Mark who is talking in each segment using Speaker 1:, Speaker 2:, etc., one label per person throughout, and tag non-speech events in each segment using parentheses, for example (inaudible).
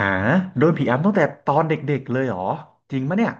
Speaker 1: หาโดนผีอำตั้งแต่ตอนเด็กๆเลยเหรอจริงปะเนี่ย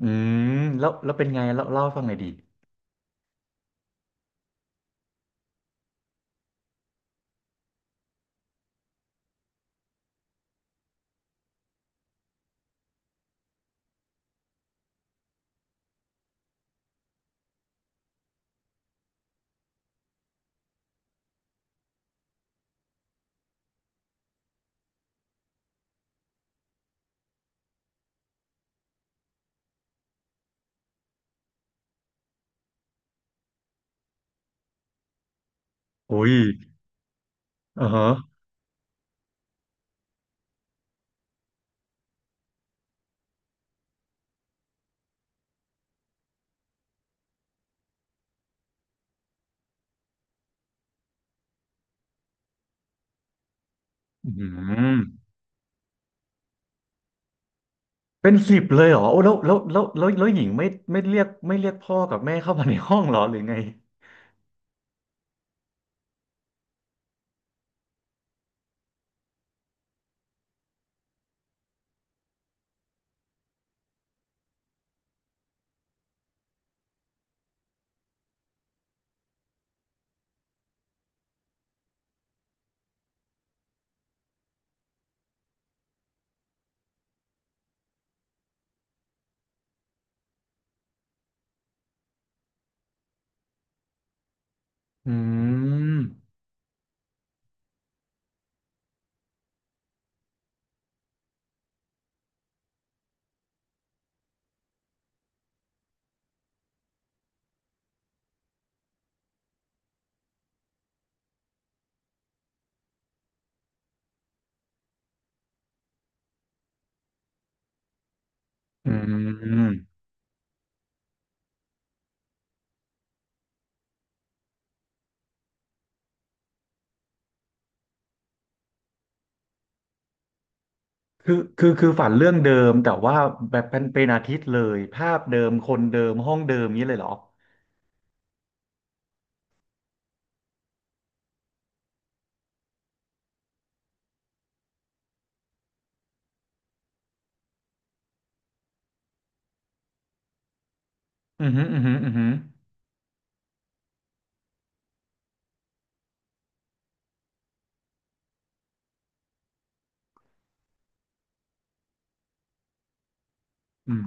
Speaker 1: อืมแล้วเป็นไงเล่าให้ฟังหน่อยดิโอ้ยอ่าฮะอืมเป็นสิบเลยเหรอโอ้แล้วหญิงไม่เรียกพ่อกับแม่เข้ามาในห้องเหรอหรือไงอืมอืมคือฝันเรื่องเดิมแต่ว่าแบบเป็นอาทิตย์เลยภาพเดิมคนเดิมห้องเดิมนี้เลยเหรออืมออือหืมออือหืออืม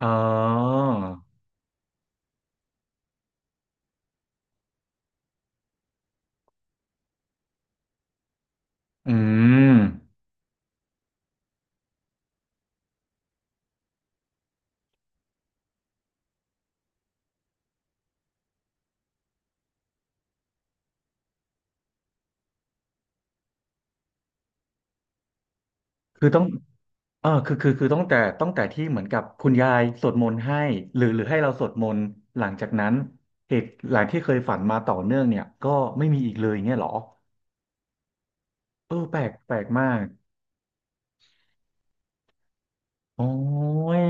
Speaker 1: อ๋ออืมคือต้อง เออคือตั้งแต่ที่เหมือนกับคุณยายสวดมนต์ให้หรือให้เราสวดมนต์หลังจากนั้นเหตุหลังที่เคยฝันมาต่อเนื่องเนี่ยก็ไม่มีอีกเลยเงี้ยเหรอเออแปลกมากโอ้ย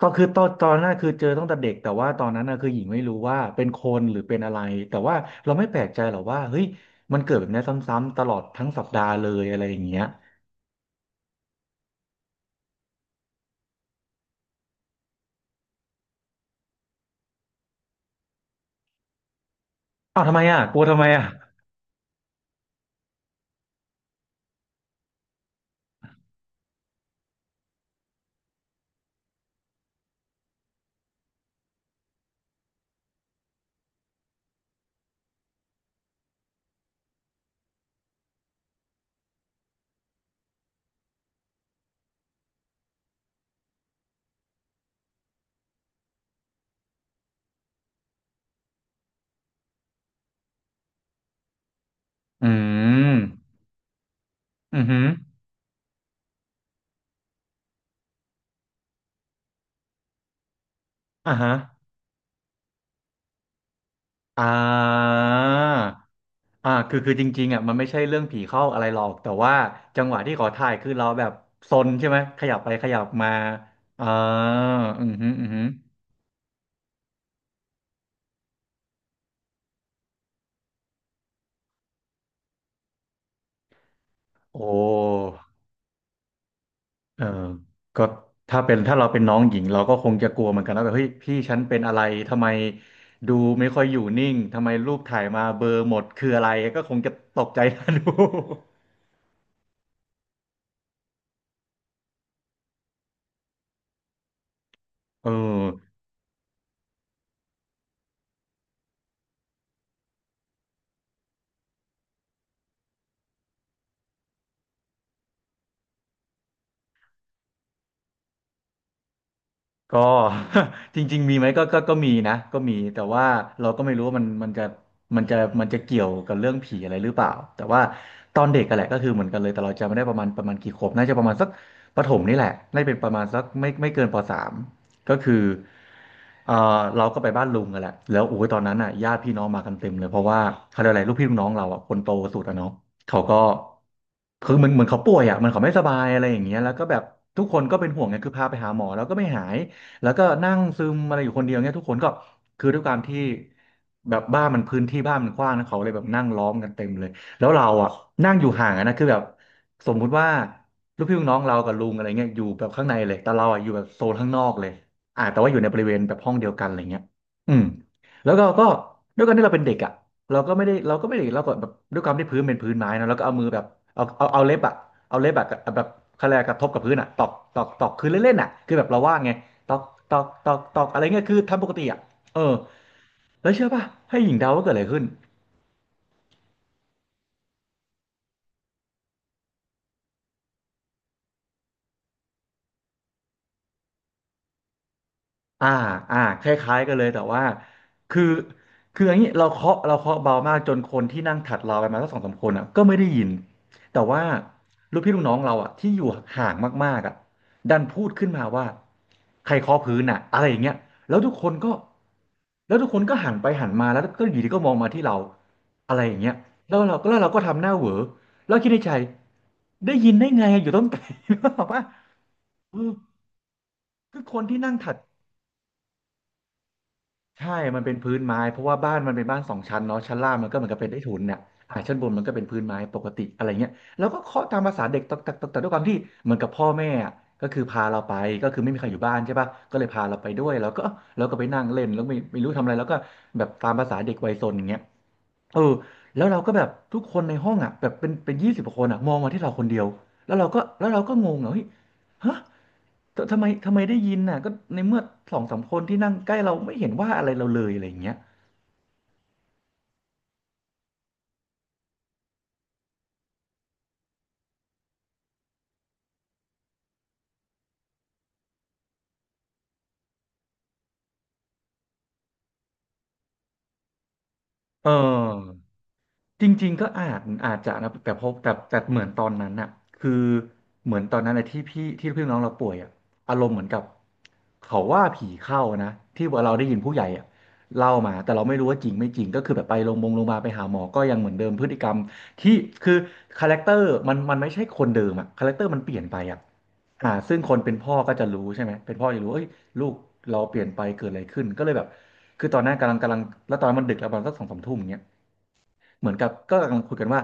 Speaker 1: ก็คือตอนนั้นคือเจอตั้งแต่เด็กแต่ว่าตอนนั้นนะคือหญิงไม่รู้ว่าเป็นคนหรือเป็นอะไรแต่ว่าเราไม่แปลกใจหรอกว่าเฮ้ยมันเกิดแบบเนี้ยซ้ำๆตลอดทั้งสัปดาห์เลยอะไรอย่างเงี้ยอ้าวทำไมอ่ะกลัวทำไมอ่ะอืมอือหืออ่าฮะอ่า อ่าคือคือจริงๆอ่ะมันไม่ใช่เรื่องผีเข้าอะไรหรอกแต่ว่าจังหวะที่ขอถ่ายคือเราแบบซนใช่ไหมขยับไปขยับมาอ่าอือหืออือหือโอ้เออก็ถ้าเป็นถ้าเราเป็นน้องหญิงเราก็คงจะกลัวเหมือนกันแล้วแบบเฮ้ยพี่ฉันเป็นอะไรทำไมดูไม่ค่อยอยู่นิ่งทำไมรูปถ่ายมาเบลอหมดคืออะไรก็คงจะตกใจ (laughs) นะดู (laughs) เออ ก็ (laughs) จริงๆมีไหมก็มีนะก็มีแต่ว่าเราก็ไม่รู้ว่ามันจะเกี่ยวกับเรื่องผีอะไรหรือเปล่าแต่ว่าตอนเด็กกันแหละก็คือเหมือนกันเลยแต่เราจำไม่ได้ประมาณกี่ขวบน่าจะประมาณสักประถมนี่แหละน่าจะเป็นประมาณสักไม่เกินป.3ก็คือเออเราก็ไปบ้านลุงกันแหละแล้วโอ้ยตอนนั้นอ่ะญาติพี่น้องมากันเต็มเลยเพราะว่าเขาเรียกอะไรลูกพี่ลูกน้องเราอ่ะคนโตสุดอ่ะเนาะเขาก็คือเหมือนเขาป่วยอ่ะเหมันเขาไม่สบายอะไรอย่างเงี้ยแล้วก็แบบทุกคนก็เป็นห่วงไงคือพาไปหาหมอแล้วก็ไม่หาย แล้วก็นั่งซึมอะไรอยู่คนเดียวเงี้ยทุกคนก็คือด้วยความที่แบบบ้านมันพื้นที่บ้านมันกว้างนะเขาเลยแบบนั่งล้อมกันเต็มเลยแล้วเราอ่ะนั่งอยู่ห่างอะนะคือแบบสมมุติว่าลูกพี่ลูกน้องเรากับลุงอะไรเงี้ยอยู่แบบข้างในเลยแต่เราอ่ะอยู่แบบโซนข้างนอกเลยอ่าแต่ว่าอยู่ในบริเวณแบบห้องเดียวกันอะไรเงี้ยอืมแล้วก็ก็ด้วยการที่เราเป็นเด็กอ่ะเราก็ไม่ได้เราก็ไม่ได้เราก็แบบด้วยความที่พื้นเป็นพื้นไม้นะแล้วก็เอามือแบบเอาเล็บอ่ะเอาเล็บแบบแบบคลากระทบกับพื้นอ่ะตอกตอกตอกคือเล่นๆอ่ะคือแบบเราว่างไง ตอกตอก อะไรเงี้ยคือทำปกติอ่ะเออแล้วเชื่อป่ะ ให้หญิงเดาว่าเกิดอะไรขึ้น อ่าอ่าคล้ายๆกันเลยแต่ว่าคือคืออย่างนี้เราเคาะเบามากจนคนที่นั่งถัดเราไปมาสักสองสามคนอ่ะก็ไม่ได้ยินแต่ว่าลูกพี่ลูกน้องเราอ่ะที่อยู่ห่างมากๆอ่ะดันพูดขึ้นมาว่าใครเคาะพื้นอ่ะอะไรอย่างเงี้ยแล้วทุกคนก็แล้วทุกคนก็หันไปหันมาแล้วก็อยู่ดีก็มองมาที่เราอะไรอย่างเงี้ยแล้วเราก็ทำหน้าเหวอแล้วคิดในใจได้ยินได้ไงอยู่ต้นไก (laughs) ลหรือเปล่าว่าเออคือคนที่นั่งถัด ใช่มันเป็นพื้นไม้เพราะว่าบ้านมันเป็นบ้านสองชั้นเนาะชั้นล่างมันก็เหมือนกับเป็นใต้ถุนเนี่ยอ่าชั้นบนมันก็เป็นพื้นไม้ปกติอะไรเงี้ยแล้วก็เคาะตามภาษาเด็กตอกตักตอกตักด้วยความที่เหมือนกับพ่อแม่อะก็คือพาเราไปก็คือไม่มีใครอยู่บ้านใช่ปะก็เลยพาเราไปด้วยแล้วก็เราก็ไปนั่งเล่นแล้วไม่ไม่รู้ทำอะไรแล้วก็แบบตามภาษาเด็กวัยซนอย่างเงี้ยเออแล้วเราก็แบบทุกคนในห้องอ่ะแบบเป็น20 คนอ่ะมองมาที่เราคนเดียวแล้วเราก็งงอ่ะเฮ้ยฮะ แต่ทำไมได้ยินน่ะก็ในเมื่อสองสามคนที่นั่งใกล้เราไม่เห็นว่าอะไรเราเลยอะไรอย่างเงี้ยเออจริงๆก็อาจจะนะแต่พบแต่เหมือนตอนนั้นน่ะคือเหมือนตอนนั้นนะที่พี่น้องเราป่วยอ่ะอารมณ์เหมือนกับเขาว่าผีเข้านะที่เราได้ยินผู้ใหญ่อ่ะเล่ามาแต่เราไม่รู้ว่าจริงไม่จริงก็คือแบบไปโรงพยาบาลโรงพยาบาลไปหาหมอก็ยังเหมือนเดิมพฤติกรรมที่คือคาแรคเตอร์มันไม่ใช่คนเดิมอ่ะคาแรคเตอร์มันเปลี่ยนไปอ่ะ อ่าซึ่งคนเป็นพ่อก็จะรู้ใช่ไหม เป็นพ่อจะรู้เอ้ยลูกเราเปลี่ยนไปเกิดอะไรขึ้น ก็เลยแบบ คือตอนนั้นกำลัง แล้วตอนนั้นมันดึกแล้วประมาณสักสองสามทุ่มอย่างเงี้ย เหมือนกับก็กำลังคุยกันว่า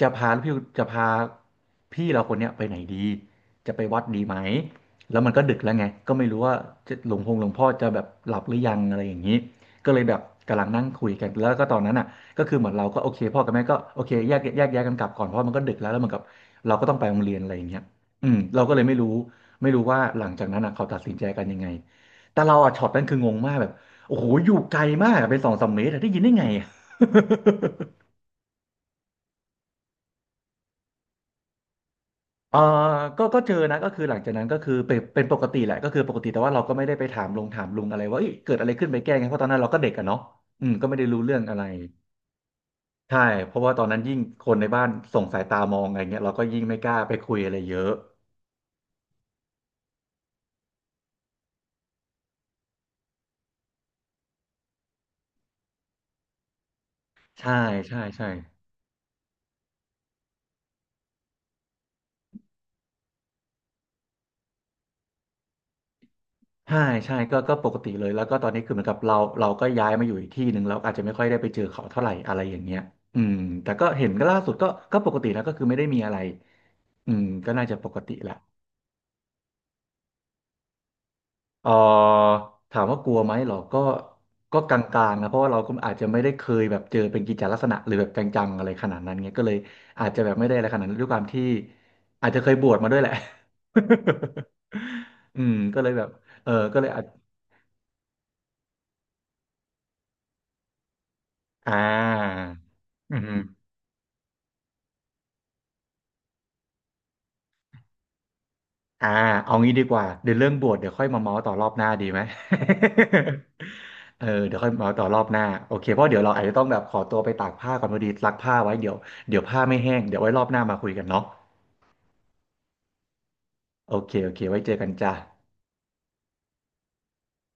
Speaker 1: จะพาพี่จะพาพี่เราคนเนี้ยไปไหนดีจะไปวัดดีไหมแล้วมันก็ดึกแล้วไงก็ไม่รู้ว่าจะหลวงพ่อจะแบบหลับหรือยังอะไรอย่างนี้ก็เลยแบบกำลังนั่งคุยกันแล้วก็ตอนนั้นอ่ะก็คือเหมือนเราก็โอเคพ่อกับแม่ก็โอเคแยกย้ายกันกลับก่อนเพราะมันก็ดึกแล้วแล้วเหมือนกับเราก็ต้องไปโรงเรียนอะไรอย่างเงี้ยอืมเราก็เลยไม่รู้ว่าหลังจากนั้นอ่ะเขาตัดสินใจกันยังไงแต่เราอ่ะช็อตนั้นคืองงมากแบบโอ้โหอยู่ไกลมากอะเป็นสองสามเมตรอะได้ยินได้ไงอะ (laughs) เออก็เจอนะก็คือหลังจากนั้นก็คือเป็นปกติแหละก็คือปกติแต่ว่าเราก็ไม่ได้ไปถามลุงอะไรว่าเอ้ยเกิดอะไรขึ้นไปแก้ไงเพราะตอนนั้นเราก็เด็กอะเนาะอืมก็ไม่ได้รู้เรื่องอะไรใช่เพราะว่าตอนนั้นยิ่งคนในบ้านส่งสายตามองอะไรเงี้ยเราก็ยิ่งไม่กล้าไปคุยอะไรเยอะใช่ใช่ใช่ใช่ใช่ก็ปกติเลยแล้วก็ตอนนี้คือเหมือนกับเราก็ย้ายมาอยู่อีกที่หนึ่งเราอาจจะไม่ค่อยได้ไปเจอเขาเท่าไหร่อะไรอย่างเงี้ยอืมแต่ก็เห็นก็ล่าสุดก็ก็ปกตินะก็คือไม่ได้มีอะไรอืมก็น่าจะปกติแหละ เอ่อถามว่ากลัวไหมเหรอก็ก็กลางๆนะเพราะว่าเราก็อาจจะไม่ได้เคยแบบเจอเป็นกิจจลักษณะหรือแบบจังๆอะไรขนาดนั้นเงี้ยก็เลยอาจจะแบบไม่ได้อะไรขนาดนั้นด้วยความที่อาจจะเคยบวชมาด้วยแหละ (laughs) อืมก็เลยแบบเออก็เลยอาจอ่าอืม อ่าเอางี้ดีกว่าเดี๋ยวเรื่องบวชเดี๋ยวค่อยมาเมาส์ต่อรอบหน้าดีไหม (laughs) เออเดี๋ยวค่อยมาเมาส์ต่อรอบหน้าโอเคเพราะเดี๋ยวเราอาจจะต้องแบบขอตัวไปตากผ้าก่อนพอดีซักผ้าไว้เดี๋ยวผ้าไม่แห้งเดี๋ยวไว้รอบหน้ามาคุยกันเนาะโอเคโอเคไว้เจอกันจ้า